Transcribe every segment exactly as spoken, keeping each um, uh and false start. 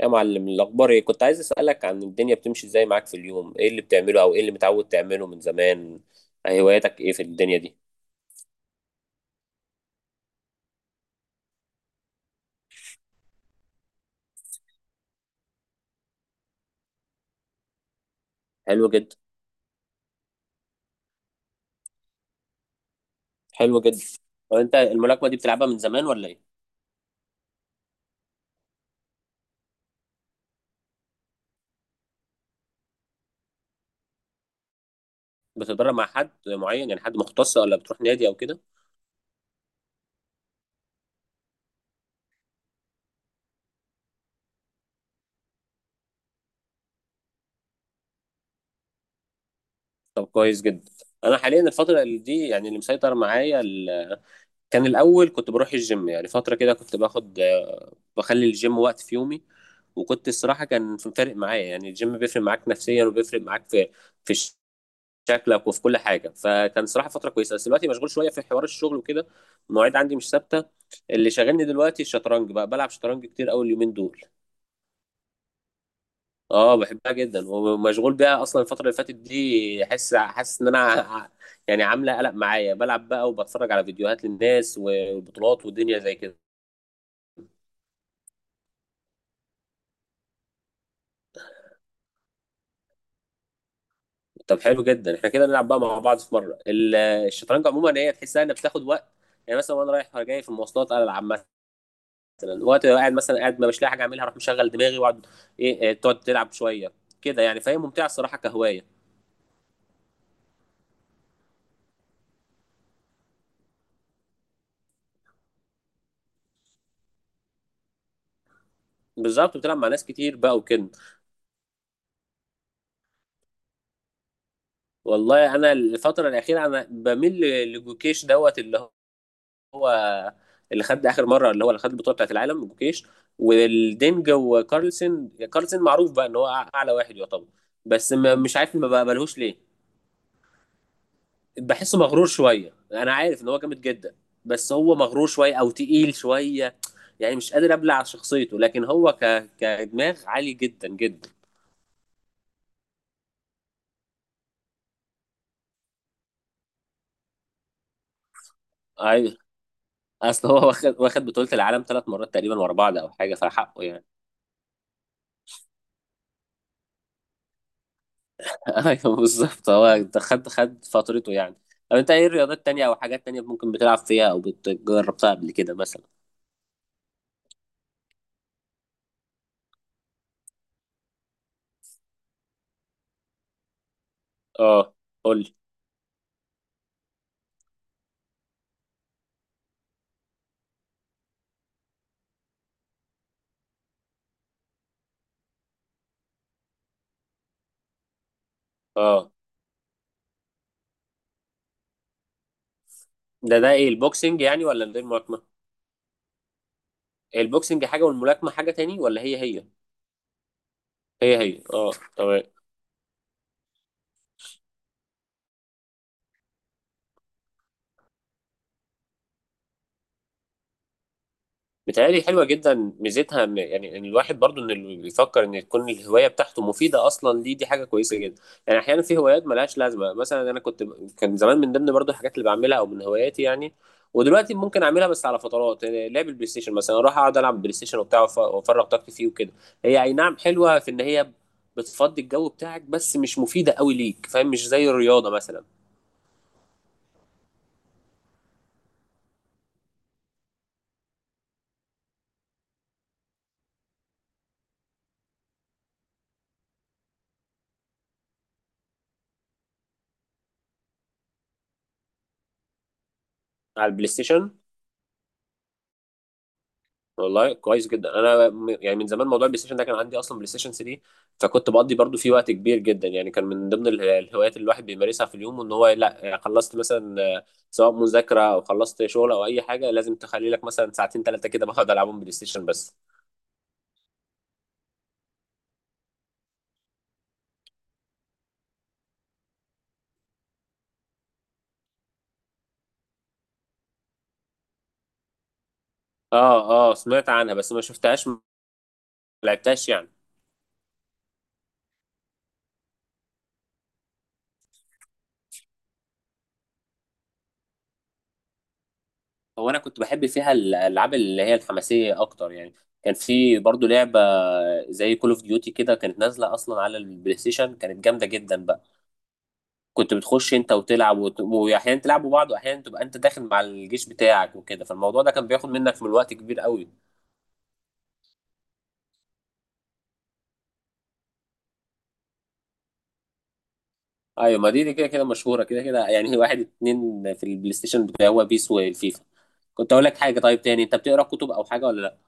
يا معلم، الأخبار إيه؟ كنت عايز أسألك عن الدنيا بتمشي إزاي معاك في اليوم، إيه اللي بتعمله أو إيه اللي متعود تعمله من زمان، هواياتك إيه في الدنيا دي؟ حلو جدا، حلو جدا. وأنت الملاكمة دي بتلعبها من زمان ولا إيه؟ بتتدرب مع حد معين يعني حد مختص ولا بتروح نادي أو كده؟ طب كويس جدا. أنا حاليا الفترة اللي دي يعني اللي مسيطر معايا ال... كان الأول كنت بروح الجيم، يعني فترة كده كنت باخد بخلي الجيم وقت في يومي، وكنت الصراحة كان فارق معايا، يعني الجيم بيفرق معاك نفسيا وبيفرق معاك في في شكلك وفي كل حاجه، فكان صراحه فتره كويسه، بس دلوقتي مشغول شويه في حوار الشغل وكده. المواعيد عندي مش ثابته. اللي شاغلني دلوقتي الشطرنج، بقى بلعب شطرنج كتير قوي اليومين دول. اه، بحبها جدا ومشغول بيها اصلا. الفتره اللي فاتت دي حاسس حاسس ان انا ع- يعني عامله قلق معايا، بلعب بقى وبتفرج على فيديوهات للناس وبطولات والدنيا زي كده. طب حلو جدا، احنا كده نلعب بقى مع بعض في مره ال- الشطرنج عموما هي تحسها انها بتاخد وقت. يعني مثلا وانا رايح جاي في المواصلات العب، مثلا وقت لو قاعد، مثلا قاعد ما مش لاقي حاجه اعملها اروح مشغل دماغي واقعد. ايه إيه، تقعد تلعب شويه كده يعني، فهي ممتعه الصراحه كهوايه. بالظبط، بتلعب مع ناس كتير بقى وكده. والله انا الفتره الاخيره انا بميل ل- لجوكيش دوت، اللي هو اللي خد اخر مره، اللي هو اللي خد البطوله بتاعت العالم، جوكيش. والدينج وكارلسن، كارلسن معروف بقى ان هو اعلى واحد يعتبر، بس ما مش عارف ما بقبلهوش ليه. بحسه مغرور شويه، انا عارف ان هو جامد جدا، بس هو مغرور شويه او تقيل شويه، يعني مش قادر ابلع شخصيته، لكن هو ك... كدماغ عالي جدا جدا. ايوه، اصل هو واخد واخد بطولة العالم ثلاث مرات تقريبا ورا بعض او حاجة، فحقه يعني. ايوه بالظبط، هو ده خد خد فترته يعني. طب انت ايه رياضات تانية او حاجات تانية ممكن بتلعب فيها او بتجربتها قبل كده مثلا؟ اه، قول لي. اه، ده ده ايه، البوكسنج يعني ولا ده الملاكمة؟ البوكسنج حاجة والملاكمة حاجة تاني، ولا هي هي؟ هي هي، اه. تمام. بتهيألي حلوة جدا، ميزتها ان يعني إن الواحد برضو ان اللي بيفكر ان تكون الهواية بتاعته مفيدة اصلا ليه، دي حاجة كويسة جدا. يعني احيانا في هوايات ملهاش لازمة. مثلا انا كنت كان زمان من ضمن برضو الحاجات اللي بعملها او من هواياتي يعني، ودلوقتي ممكن اعملها بس على فترات، يعني لعب البلاي ستيشن مثلا. اروح اقعد العب بلاي ستيشن وبتاع، وأف- وافرغ طاقتي فيه وكده. هي اي نعم حلوة في ان هي بتفضي الجو بتاعك، بس مش مفيدة قوي ليك، فاهم، مش زي الرياضة مثلا. على البلاي ستيشن. والله كويس جدا، انا م- يعني من زمان موضوع البلاي ستيشن ده كان عندي، اصلا بلاي ستيشن تلاتة، فكنت بقضي برضو فيه وقت كبير جدا. يعني كان من ضمن اله- الهوايات اللي الواحد بيمارسها في اليوم، ان هو لا خلصت مثلا آه، سواء مذاكره او خلصت شغل او اي حاجه، لازم تخلي لك مثلا ساعتين ثلاثه كده بقعد العبهم بلاي ستيشن بس. اه اه، سمعت عنها بس ما شفتهاش، ما لعبتهاش يعني. هو انا كنت بحب فيها الالعاب اللي هي الحماسيه اكتر يعني. كان في برضو لعبه زي كول اوف ديوتي كده، كانت نازله اصلا على البلاي ستيشن، كانت جامده جدا بقى. كنت بتخش انت وتلعب وت- واحيانا تلعبوا بعض، واحيانا تبقى انت داخل مع الجيش بتاعك وكده، فالموضوع ده كان بياخد منك من الوقت كبير قوي. ايوه، ما دي دي كده كده مشهوره كده كده يعني. واحد اتنين في البلاي ستيشن بتاع هو بيس والفيفا. كنت اقول لك حاجه، طيب تاني، انت بتقرا كتب او حاجه ولا لا؟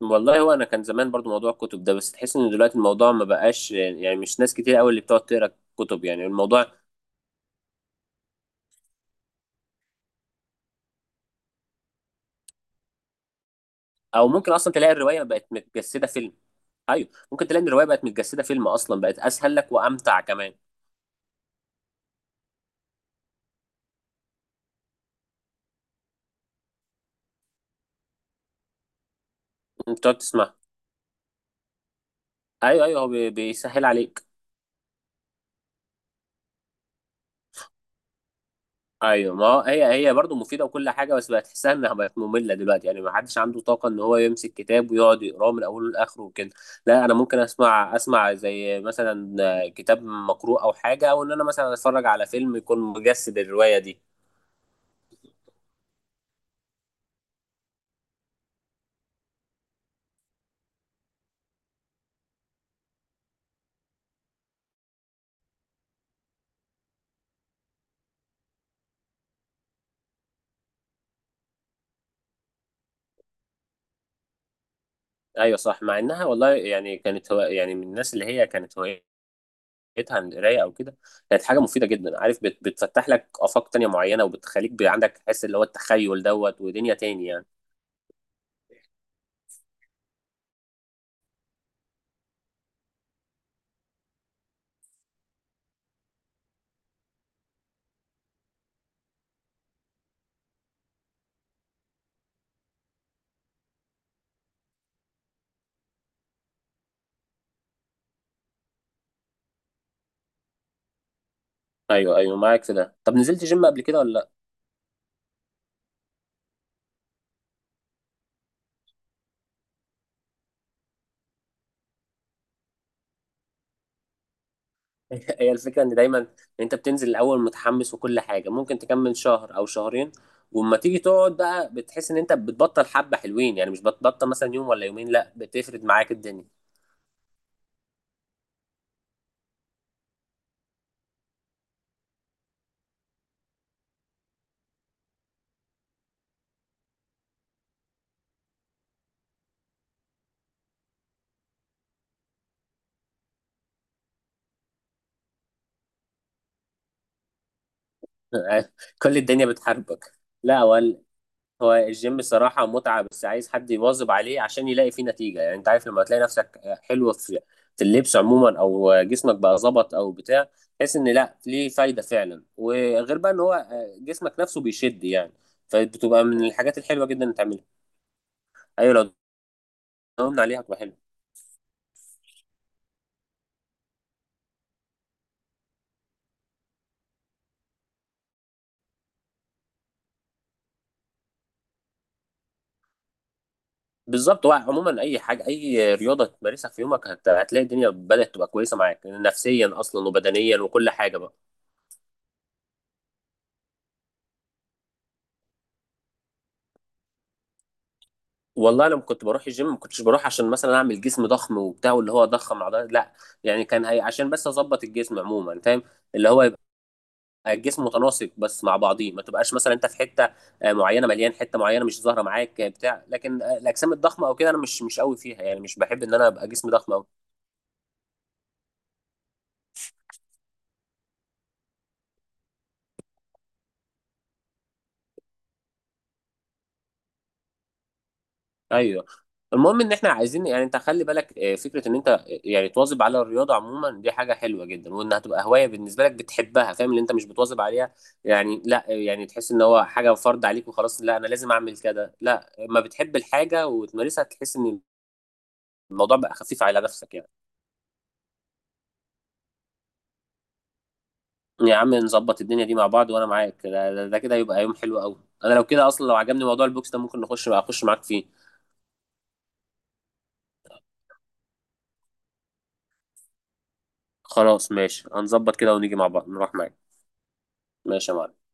والله هو انا كان زمان برضو موضوع الكتب ده، بس تحس ان دلوقتي الموضوع ما بقاش، يعني مش ناس كتير قوي اللي بتقعد تقرا كتب يعني، الموضوع، او ممكن اصلا تلاقي الروايه بقت متجسده فيلم. ايوه، ممكن تلاقي ان الروايه بقت متجسده فيلم اصلا، بقت اسهل لك وامتع كمان. انت تقعد تسمعها. ايوه ايوه، هو بي- بيسهل عليك. ايوه، ما هو هي هي برضه مفيده وكل حاجه، بس بقت تحسها انها بقت ممله دلوقتي. يعني ما حدش عنده طاقه ان هو يمسك كتاب ويقعد يقراه من اوله لاخره وكده. لا، انا ممكن اسمع اسمع زي مثلا آه، كتاب مقروء او حاجه، او ان انا مثلا اتفرج على فيلم يكون مجسد الروايه دي. ايوه صح، مع انها والله يعني كانت، هو يعني من الناس اللي هي كانت هوايتها عن القرايه او كده، كانت حاجه مفيده جدا. عارف، بت- بتفتح لك افاق تانية معينه، وبتخليك بي- عندك حس اللي هو التخيل دوت ودنيا تاني يعني. ايوه ايوه، معاك في ده. طب نزلت جيم قبل كده ولا لا؟ هي الفكره ان دايما انت بتنزل الاول متحمس وكل حاجه، ممكن تكمل شهر او شهرين، واما تيجي تقعد بقى بتحس ان انت بتبطل حبه حلوين، يعني مش بتبطل مثلا يوم ولا يومين، لا بتفرد معاك الدنيا. كل الدنيا بتحاربك. لا، هو هو الجيم صراحة متعة، بس عايز حد يواظب عليه عشان يلاقي فيه نتيجة. يعني انت عارف لما تلاقي نفسك حلو في في اللبس عموما، او جسمك بقى ظبط او بتاع، تحس ان لا ليه فايدة فعلا، وغير بقى ان هو جسمك نفسه بيشد يعني. فبتبقى من الحاجات الحلوة جدا اللي تعملها. ايوه، لو داومنا عليها هتبقى حلوة. بالظبط، هو عموما اي حاجة اي رياضة تمارسها في يومك هت- هتلاقي الدنيا بدأت تبقى كويسة معاك نفسيا اصلا وبدنيا وكل حاجة بقى. والله لما كنت بروح الجيم ما كنتش بروح عشان مثلا اعمل جسم ضخم وبتاع، واللي هو ضخم عضلات، لا. يعني كان هي عشان بس اظبط الجسم عموما، فاهم، اللي هو يبقى الجسم متناسق بس مع بعضيه، ما تبقاش مثلا انت في حته آه، معينه مليان، حته معينه مش ظاهره معاك آه، بتاع، لكن آه، الاجسام الضخمه او كده انا مش مش قوي فيها، يعني مش بحب ان انا ابقى جسم ضخم أوي. ايوه، المهم ان احنا عايزين يعني، انت خلي بالك آه، فكره ان انت آه، يعني تواظب على الرياضه عموما، دي حاجه حلوه جدا، وانها تبقى هوايه بالنسبه لك بتحبها، فاهم، اللي انت مش بتواظب عليها يعني، لا آه، يعني تحس ان هو حاجه فرض عليك وخلاص، لا انا لازم اعمل كده، لا، ما بتحب الحاجه وتمارسها تحس ان الموضوع بقى خفيف على نفسك يعني. يا عم نظبط الدنيا دي مع بعض، وانا معاك ده, ده, ده كده يبقى يوم حلو قوي. انا لو كده اصلا، لو عجبني موضوع البوكس ده، ممكن نخش بقى اخش معاك فيه. خلاص ماشي، هنظبط كده ونيجي مع بعض نروح معاك. ماشي يا معلم.